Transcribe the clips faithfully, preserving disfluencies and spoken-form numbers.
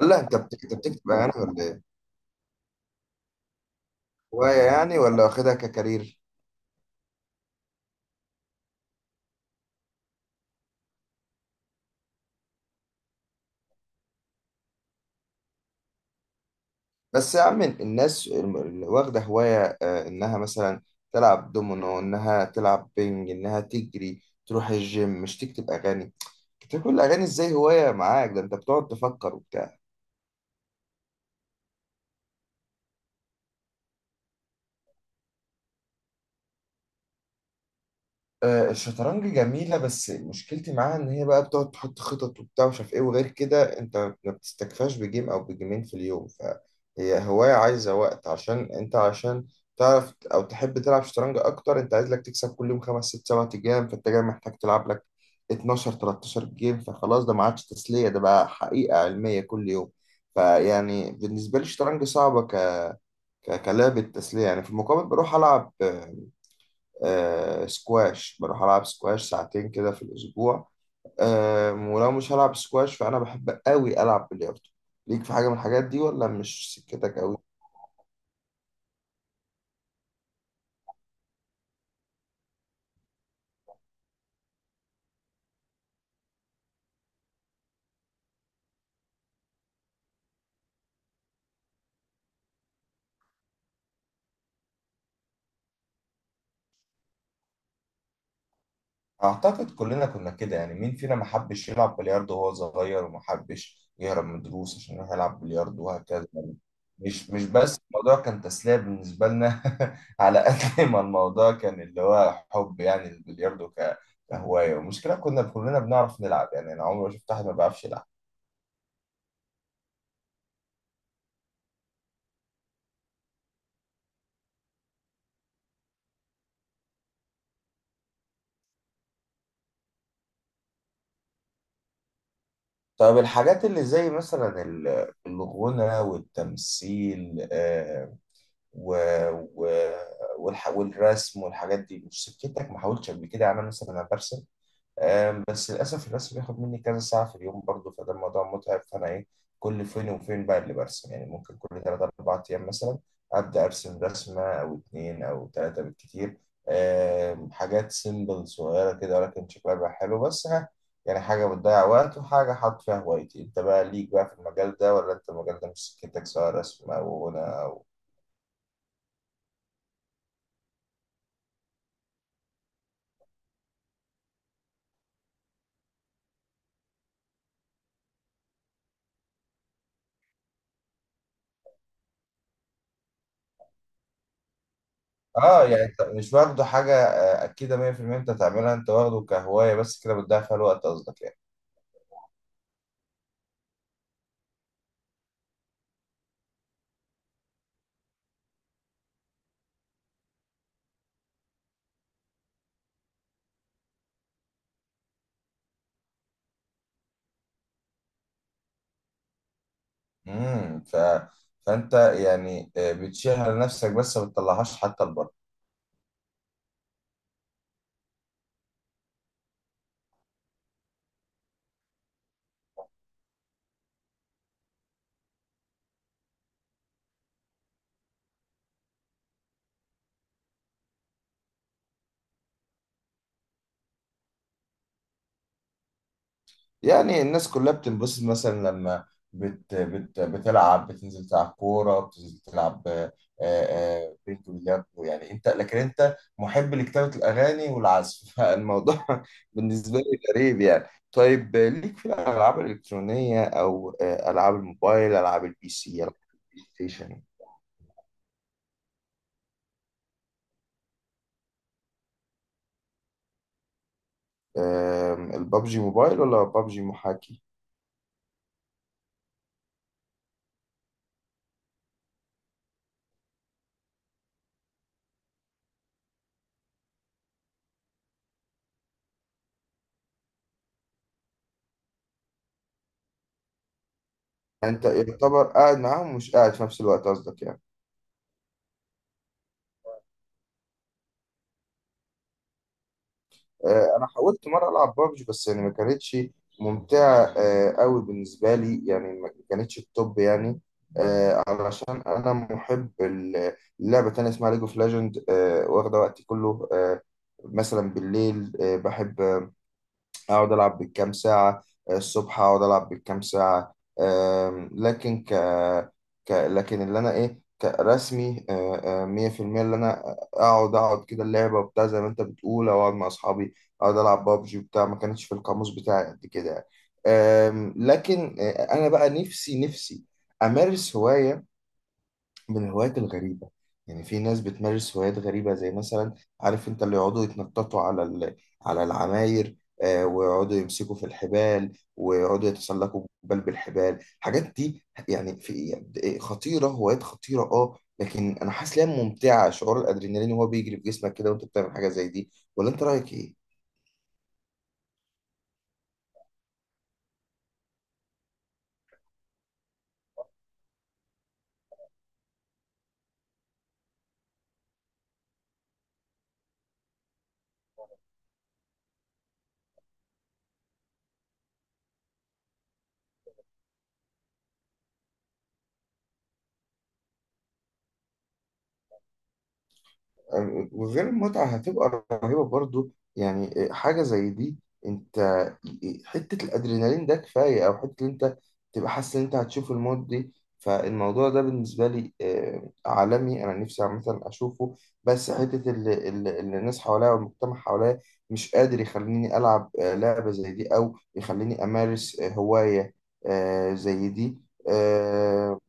لا انت بت- انت بتكتب اغاني ولا ايه؟ هوايه يعني ولا واخدها ككارير؟ بس يا عم الناس الم- اللي واخده هوايه، آه، انها مثلا تلعب دومينو، انها تلعب بينج، انها تجري، تروح الجيم، مش تكتب اغاني. تكتب كل الاغاني ازاي هوايه معاك؟ ده انت بتقعد تفكر وبتاع. آه، الشطرنج جميلة، بس مشكلتي معاها إن هي بقى بتقعد تحط خطط وبتاع ومش عارف إيه، وغير كده أنت ما بتستكفاش بجيم أو بجيمين في اليوم، فهي هواية عايزة وقت عشان أنت عشان تعرف أو تحب تلعب شطرنج أكتر. أنت عايز لك تكسب كل يوم خمس ست سبع جيم، فأنت جاي محتاج تلعب لك اتناشر تلتاشر جيم، فخلاص ده ما عادش تسلية، ده بقى حقيقة علمية كل يوم. فيعني بالنسبة لي الشطرنج صعبة ك... ك... كلعبة تسلية يعني. في المقابل بروح ألعب آه سكواش، بروح ألعب سكواش ساعتين كده في الأسبوع. آه، ولو مش هلعب سكواش فأنا بحب أوي ألعب بلياردو. ليك في حاجة من الحاجات دي ولا مش سكتك أوي؟ أعتقد كلنا كنا كده يعني، مين فينا ما حبش يلعب بلياردو وهو صغير وما حبش يهرب من الدروس عشان يروح يلعب بلياردو، وهكذا يعني. مش مش بس الموضوع كان تسلية بالنسبة لنا على قد ما الموضوع كان اللي هو حب يعني البلياردو ك- كهواية. والمشكلة كنا كلنا بنعرف نلعب يعني، أنا عمري ما شفت أحد ما بيعرفش يلعب. طب الحاجات اللي زي مثلا ال- الغنى والتمثيل، آه، و... و... والح... والرسم والحاجات دي مش سكتك؟ ما حاولتش قبل كده يعني؟ أنا مثلا انا برسم، آم، بس للأسف الرسم بياخد مني كذا ساعة في اليوم برضه، فده الموضوع متعب. فأنا إيه، كل فين وفين بقى اللي برسم يعني، ممكن كل تلات أربع أيام مثلا أبدأ أرسم رسمة أو اتنين أو تلاتة بالكتير. آم، حاجات سيمبل صغيرة كده ولكن شكلها بقى حلو بس ها، يعني حاجة بتضيع وقت وحاجة حاط فيها هوايتي. أنت بقى ليك بقى في المجال ده ولا أنت المجال ده مش سكتك، سواء رسم أو غنى أو… اه يعني انت مش واخده حاجة آه، أكيدة ميه في الميه أنت تعملها، أنت واخده كهواية بس، كده بتضيع فيها الوقت قصدك يعني. امم ف... فانت يعني، آه، بتشيلها لنفسك بس ما بتطلعهاش حتى لبره. يعني الناس كلها بتنبسط مثلا لما بت... بت... بتلعب، بتنزل تلعب كوره، بتنزل تلعب آه، آه، بينج وبلياردو يعني. انت لكن انت محب لكتابه الاغاني والعزف فالموضوع بالنسبه لي غريب يعني. طيب، آه، ليك في الالعاب الالكترونيه، او آه، العاب الموبايل، العاب البي سي، العاب البلاي ستيشن؟ آم، البابجي موبايل ولا بابجي محاكي؟ انت يعتبر قاعد معاهم ومش قاعد في نفس الوقت قصدك يعني. آه، انا حاولت مره العب بابجي بس يعني ما كانتش ممتعه آه، قوي بالنسبه لي، يعني ما كانتش التوب يعني. آه، علشان انا محب ال- لعبه تانية اسمها ليج اوف ليجند، واخده وقتي كله. آه، مثلا بالليل آه، بحب اقعد العب بالكام ساعه، آه، الصبح اقعد العب بالكام ساعه. آم، لكن ك... ك لكن اللي انا ايه كرسمي، آه، آه، ميه في الميه اللي انا اقعد اقعد كده اللعبه وبتاع زي ما انت بتقول، او اقعد مع اصحابي اقعد العب بابجي وبتاع، ما كانتش في القاموس بتاعي قد كده يعني. آم، لكن آه، انا بقى نفسي نفسي امارس هوايه من الهوايات الغريبة. يعني في ناس بتمارس هوايات غريبة زي مثلا، عارف انت اللي يقعدوا يتنططوا على ال... على العماير، آه، ويقعدوا يمسكوا في الحبال، ويقعدوا يتسلقوا جبال بالحبال. الحاجات دي يعني في خطيرة، هوايات خطيرة اه، لكن انا حاسس ليها ممتعة، شعور الادرينالين وهو بيجري في جسمك كده وانت بتعمل حاجة زي دي. ولا انت رأيك ايه؟ وغير المتعة هتبقى رهيبة برضو يعني، حاجة زي دي انت حتة الأدرينالين ده كفاية، أو حتة إن أنت تبقى حاسس إن أنت هتشوف الموت دي. فالموضوع ده بالنسبة لي آه، عالمي، أنا نفسي عامة أشوفه، بس حتة اللي, اللي الناس حواليا والمجتمع حواليا مش قادر يخليني ألعب آه، لعبة زي دي، أو يخليني أمارس آه، هواية آه، زي دي. آه،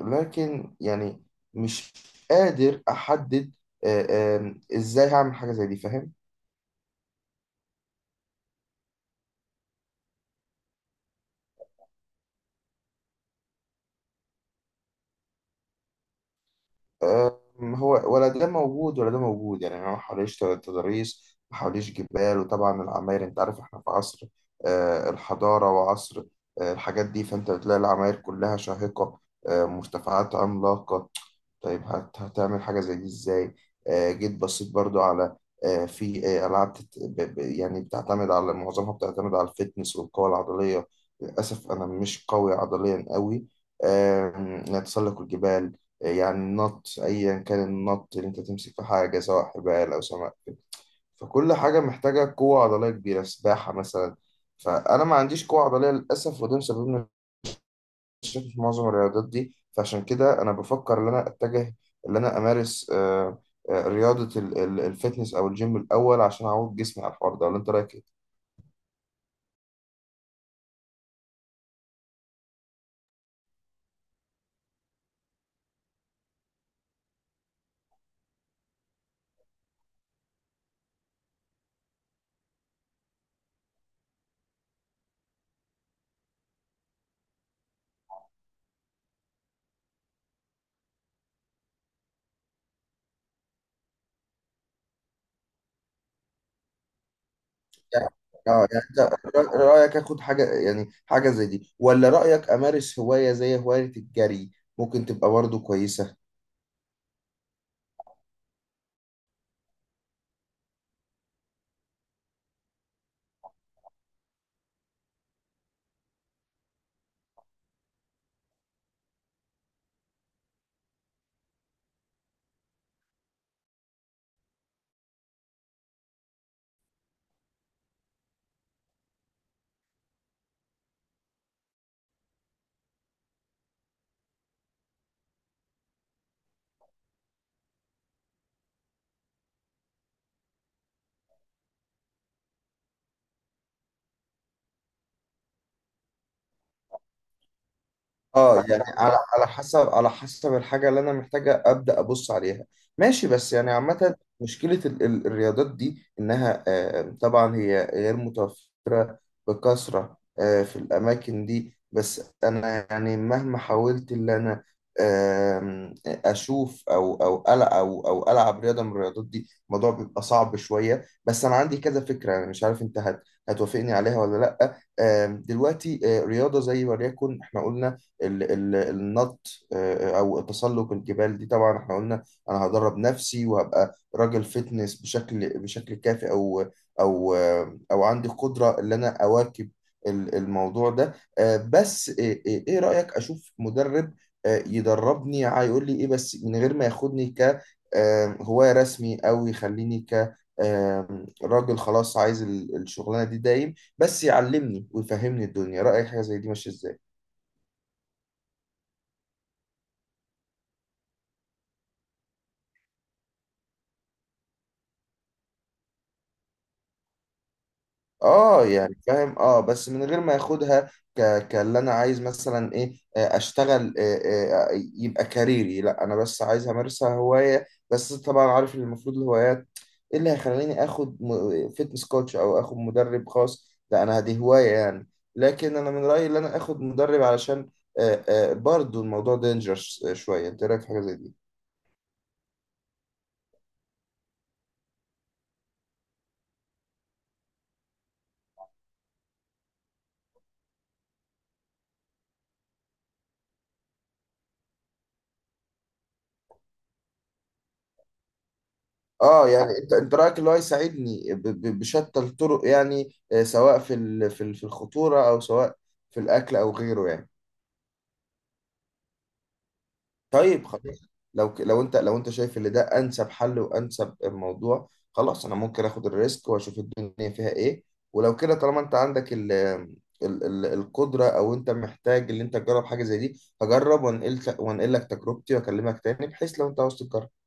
لكن يعني مش قادر احدد آه، آه، ازاي هعمل حاجه زي دي، فاهم. أم، هو ولا ده موجود ولا ده موجود يعني، انا ما حواليش تضاريس، ما حواليش جبال. وطبعا العماير انت عارف احنا في عصر آه، الحضارة وعصر آه، الحاجات دي، فانت بتلاقي العماير كلها شاهقة، آه، مرتفعات عملاقة. طيب هت- هتعمل حاجة زي دي ازاي؟ آه، جيت بصيت برضو على آه، في آه، ألعاب تت- ب- ب- يعني بتعتمد على، معظمها بتعتمد على الفتنس والقوة العضلية. للأسف أنا مش قوي عضليا قوي. آم، نتسلق الجبال يعني، النط ايا كان النط اللي انت تمسك في حاجه سواء حبال او سمك، فكل حاجه محتاجه قوه عضليه كبيره، سباحه مثلا. فانا ما عنديش قوه عضليه للاسف، وده مسبب لي مشاكل في معظم الرياضات دي. فعشان كده انا بفكر ان انا اتجه ان انا امارس آه، آه، رياضه ال- ال- الفتنس او الجيم الاول عشان اعود جسمي على الحوار ده، ولا انت رايك ايه؟ يعني اه يعني انت رأ- رايك اخد حاجه يعني حاجه زي دي، ولا رايك امارس هوايه زي هوايه الجري؟ ممكن تبقى برضه كويسه. اه يعني على على حسب على حسب الحاجة اللي أنا محتاجة أبدأ أبص عليها، ماشي. بس يعني عامة مشكلة ال- ال- الرياضات دي إنها، آه، طبعا هي غير متوفرة بكثرة آه، في الأماكن دي. بس أنا يعني مهما حاولت إن أنا آم، أشوف أو أو ألعب أو أو ألعب رياضة من الرياضات دي الموضوع بيبقى صعب شوية. بس أنا عندي كذا فكرة، أنا مش عارف أنت هت- هتوافقني عليها ولا لأ. آم، دلوقتي آه، رياضة زي، وليكن إحنا قلنا ال- ال- النط آه، آه، او تسلق الجبال دي، طبعا احنا قلنا انا هدرب نفسي وهبقى راجل فتنس بشكل بشكل كافي، او او آه، او عندي قدرة ان انا اواكب ال- الموضوع ده. آه، بس آه، آه، ايه رأيك اشوف مدرب آه، يدربني هيقول لي ايه، بس من غير ما ياخدني ك آه، هواية رسمي، او يخليني ك آه، راجل خلاص عايز ال- الشغلانة دي دايم، بس يعلمني ويفهمني الدنيا. رأيك حاجة زي دي ماشية ازاي؟ اه يعني فاهم، اه، بس من غير ما ياخدها ك... كاللي انا عايز مثلا ايه آه، اشتغل آه، آه، آه، يبقى كاريري، لا انا بس عايز امارسها هواية. بس طبعا عارف ان المفروض الهوايات ايه اللي هيخليني اخد م... فيتنس كوتش او اخد مدرب خاص، لا انا دي هواية يعني. لكن انا من رأيي ان انا اخد مدرب علشان آه، آه، برضو الموضوع دينجرس شوية، انت إيه رايك في حاجة زي دي؟ اه يعني انت انت رايك اللي هو يساعدني ب- ب- بشتى الطرق يعني، آه، سواء في ال- في ال- في الخطوره، او سواء في الاكل او غيره يعني. طيب خلاص، لو ك- لو انت لو انت شايف ان ده انسب حل وانسب الموضوع، خلاص انا ممكن اخد الريسك واشوف الدنيا فيها ايه. ولو كده طالما انت عندك ال ال ال القدره، او انت محتاج ان انت تجرب حاجه زي دي، هجرب وانقل وانقل لك تجربتي، واكلمك تاني بحيث لو انت عاوز تجرب.